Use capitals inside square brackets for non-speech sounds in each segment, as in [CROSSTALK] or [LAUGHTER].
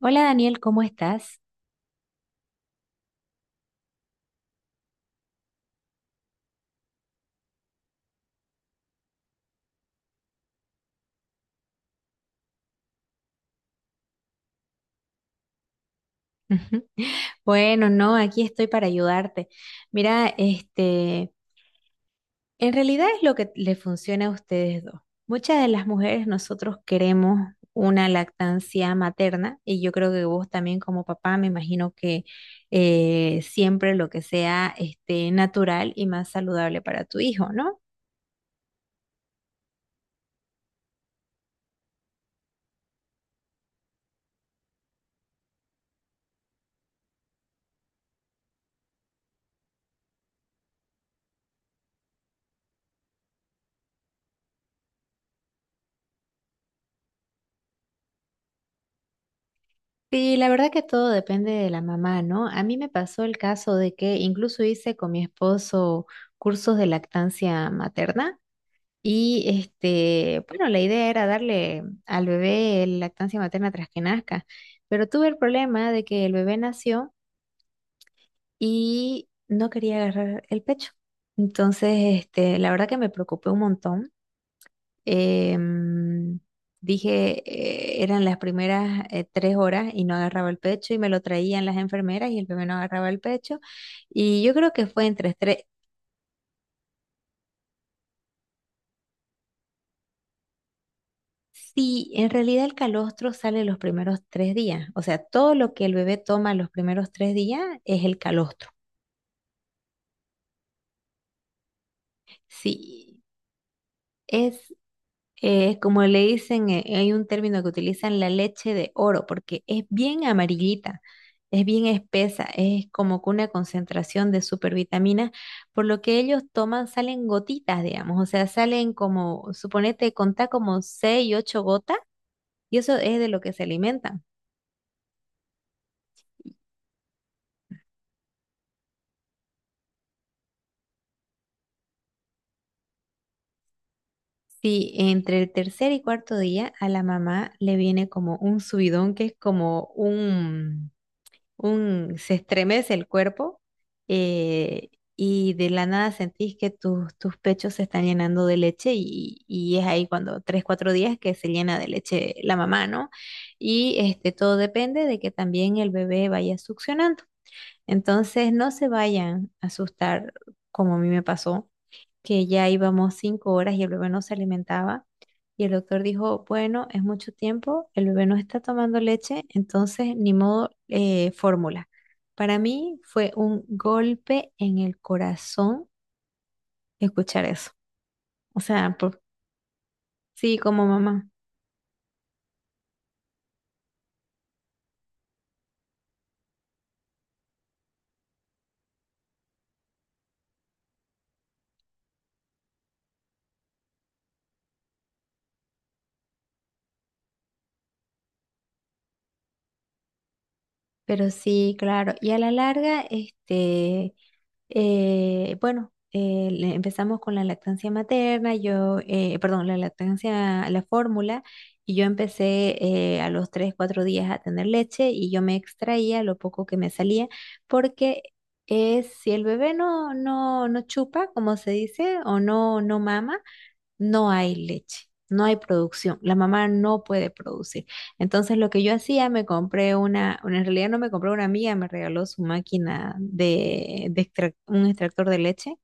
Hola Daniel, ¿cómo estás? Ujú. Bueno, no, aquí estoy para ayudarte. Mira, este, en realidad es lo que le funciona a ustedes dos. Muchas de las mujeres nosotros queremos una lactancia materna y yo creo que vos también como papá me imagino que siempre lo que sea este, natural y más saludable para tu hijo, ¿no? Sí, la verdad que todo depende de la mamá, ¿no? A mí me pasó el caso de que incluso hice con mi esposo cursos de lactancia materna y este, bueno, la idea era darle al bebé lactancia materna tras que nazca, pero tuve el problema de que el bebé nació y no quería agarrar el pecho. Entonces, este, la verdad que me preocupé un montón. Em, Dije, eran las primeras 3 horas y no agarraba el pecho y me lo traían las enfermeras y el bebé no agarraba el pecho. Y yo creo que fue entre tres. Sí, en realidad el calostro sale los primeros 3 días. O sea, todo lo que el bebé toma los primeros 3 días es el calostro. Sí, es, como le dicen, hay un término que utilizan, la leche de oro, porque es bien amarillita, es bien espesa, es como que una concentración de supervitaminas, por lo que ellos toman, salen gotitas, digamos, o sea, salen como, suponete, contá como 6 y 8 gotas, y eso es de lo que se alimentan. Si entre el tercer y cuarto día a la mamá le viene como un subidón, que es como un, se estremece el cuerpo, eh, y de la nada sentís que tus pechos se están llenando de leche, y es ahí cuando 3, 4 días que se llena de leche la mamá, ¿no? Y este, todo depende de que también el bebé vaya succionando. Entonces, no se vayan a asustar como a mí me pasó, que ya íbamos 5 horas y el bebé no se alimentaba. Y el doctor dijo, bueno, es mucho tiempo, el bebé no está tomando leche, entonces ni modo, fórmula. Para mí fue un golpe en el corazón escuchar eso. O sea, sí, como mamá, pero sí, claro. Y a la larga, este, bueno, empezamos con la lactancia materna, yo, perdón, la lactancia, la fórmula, y yo empecé a los 3, 4 días a tener leche y yo me extraía lo poco que me salía, porque es si el bebé no, no, no chupa, como se dice, o no, no mama, no hay leche, no hay producción, la mamá no puede producir. Entonces lo que yo hacía, me compré una, bueno, en realidad no me compré, una amiga me regaló su máquina de, un extractor de leche,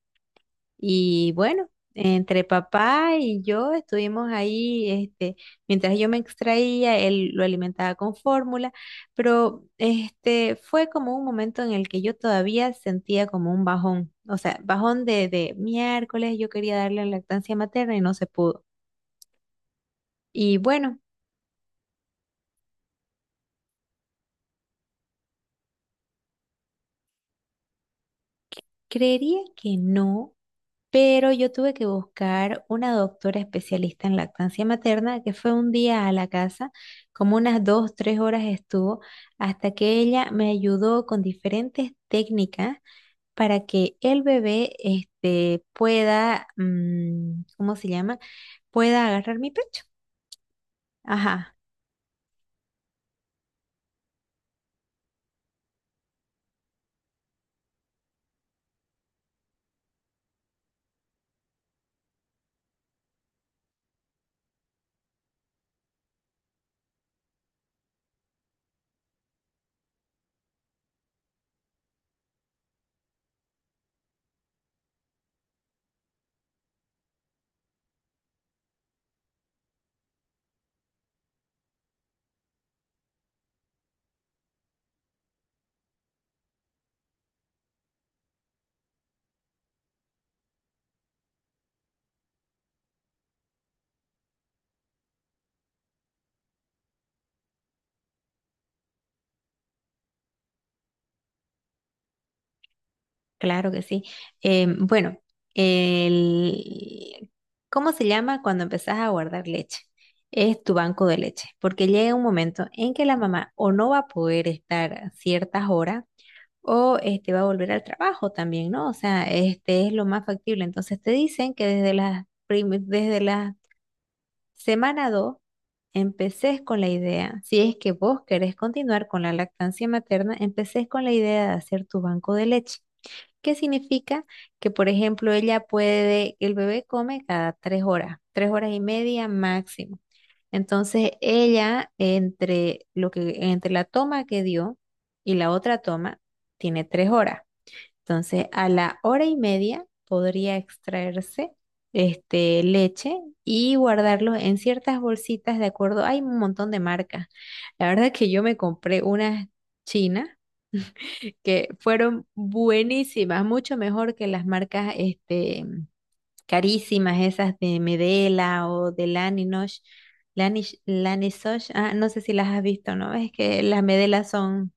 y bueno. Entre papá y yo estuvimos ahí, este, mientras yo me extraía, él lo alimentaba con fórmula, pero este fue como un momento en el que yo todavía sentía como un bajón, o sea, bajón de miércoles, yo quería darle lactancia materna y no se pudo. Y bueno, creería que no, pero yo tuve que buscar una doctora especialista en lactancia materna que fue un día a la casa, como unas 2, 3 horas estuvo, hasta que ella me ayudó con diferentes técnicas para que el bebé este, pueda, ¿cómo se llama? Pueda agarrar mi pecho. Ajá, claro que sí. Bueno, el- ¿cómo se llama cuando empezás a guardar leche? Es tu banco de leche, porque llega un momento en que la mamá o no va a poder estar ciertas horas o este va a volver al trabajo también, ¿no? O sea, este es lo más factible. Entonces te dicen que desde las Semana 2, empecés con la idea, si es que vos querés continuar con la lactancia materna, empecés con la idea de hacer tu banco de leche. ¿Qué significa? Que, por ejemplo, ella puede, el bebé come cada 3 horas, 3 horas y media máximo. Entonces, ella, entre lo que, entre la toma que dio y la otra toma, tiene 3 horas. Entonces, a la hora y media podría extraerse este, leche y guardarlo en ciertas bolsitas de acuerdo. Hay un montón de marcas. La verdad que yo me compré unas chinas que fueron buenísimas, mucho mejor que las marcas este, carísimas, esas de Medela o de Laninosh. Lanish, Lanisosh, ah, no sé si las has visto, ¿no? Es que las Medela son...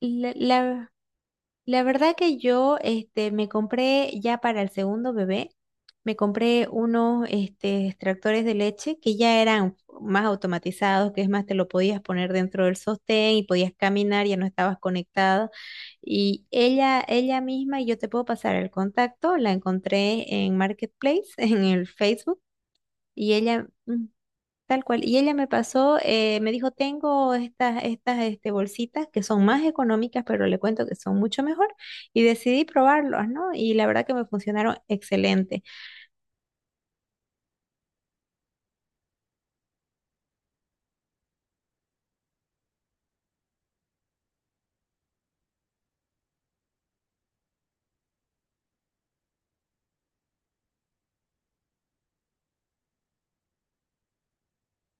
La, la- La verdad que yo este, me compré ya para el segundo bebé, me compré unos este, extractores de leche que ya eran más automatizados, que es más, te lo podías poner dentro del sostén y podías caminar, ya no estabas conectada. Y ella misma, y yo te puedo pasar el contacto, la encontré en Marketplace, [LAUGHS] en el Facebook, y ella... tal cual. Y ella me pasó, me dijo, tengo estas este, bolsitas que son más económicas, pero le cuento que son mucho mejor. Y decidí probarlos, ¿no? Y la verdad que me funcionaron excelente.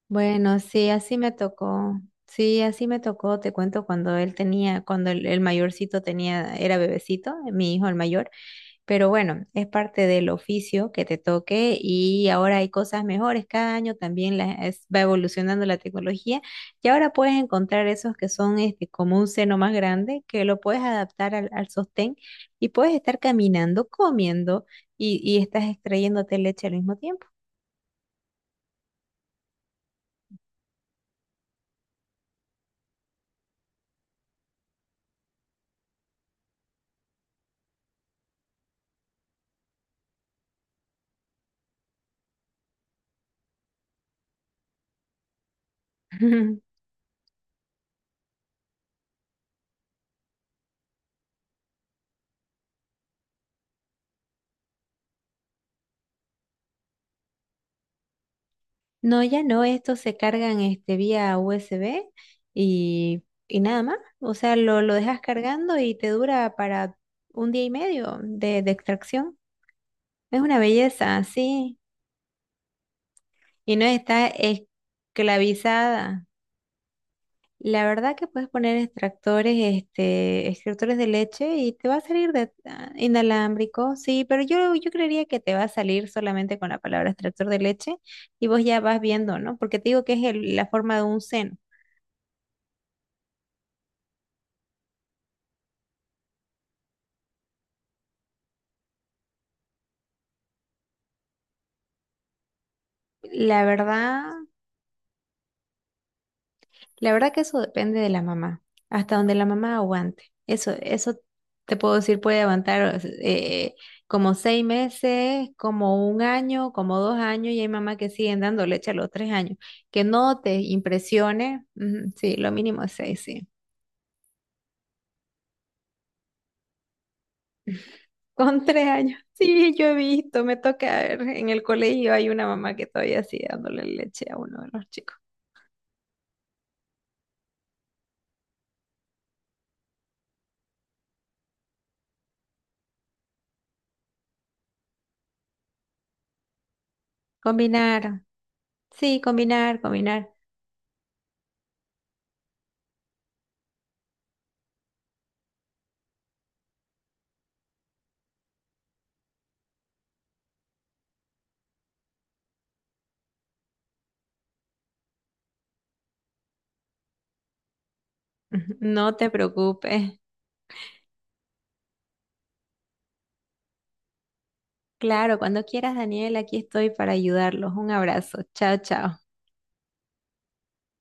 Bueno, sí, así me tocó. Sí, así me tocó. Te cuento cuando él tenía, cuando el mayorcito tenía, era bebecito, mi hijo el mayor. Pero bueno, es parte del oficio que te toque y ahora hay cosas mejores. Cada año también va evolucionando la tecnología y ahora puedes encontrar esos que son este, como un seno más grande que lo puedes adaptar al sostén y puedes estar caminando, comiendo, y estás extrayéndote leche al mismo tiempo. [LAUGHS] No, ya no, estos se cargan este, vía USB, y nada más. O sea, lo dejas cargando y te dura para 1 día y medio de extracción. Es una belleza, sí, y no está esclavizada. La verdad que puedes poner extractores, este, extractores de leche y te va a salir inalámbrico, sí, pero yo creería que te va a salir solamente con la palabra extractor de leche y vos ya vas viendo, ¿no? Porque te digo que es la forma de un seno. La verdad, La verdad que eso depende de la mamá, hasta donde la mamá aguante. Eso te puedo decir, puede aguantar como 6 meses, como un año, como 2 años, y hay mamás que siguen dando leche a los 3 años. Que no te impresione, ujú, sí, lo mínimo es seis, sí. Con 3 años, [LAUGHS] sí, yo he visto, me toca ver, en el colegio hay una mamá que todavía sigue dándole leche a uno de los chicos. Combinar, sí, combinar, combinar. [LAUGHS] Ujú, no te preocupes. Claro, cuando quieras, Daniel, aquí estoy para ayudarlos. Un abrazo. Chao, chao.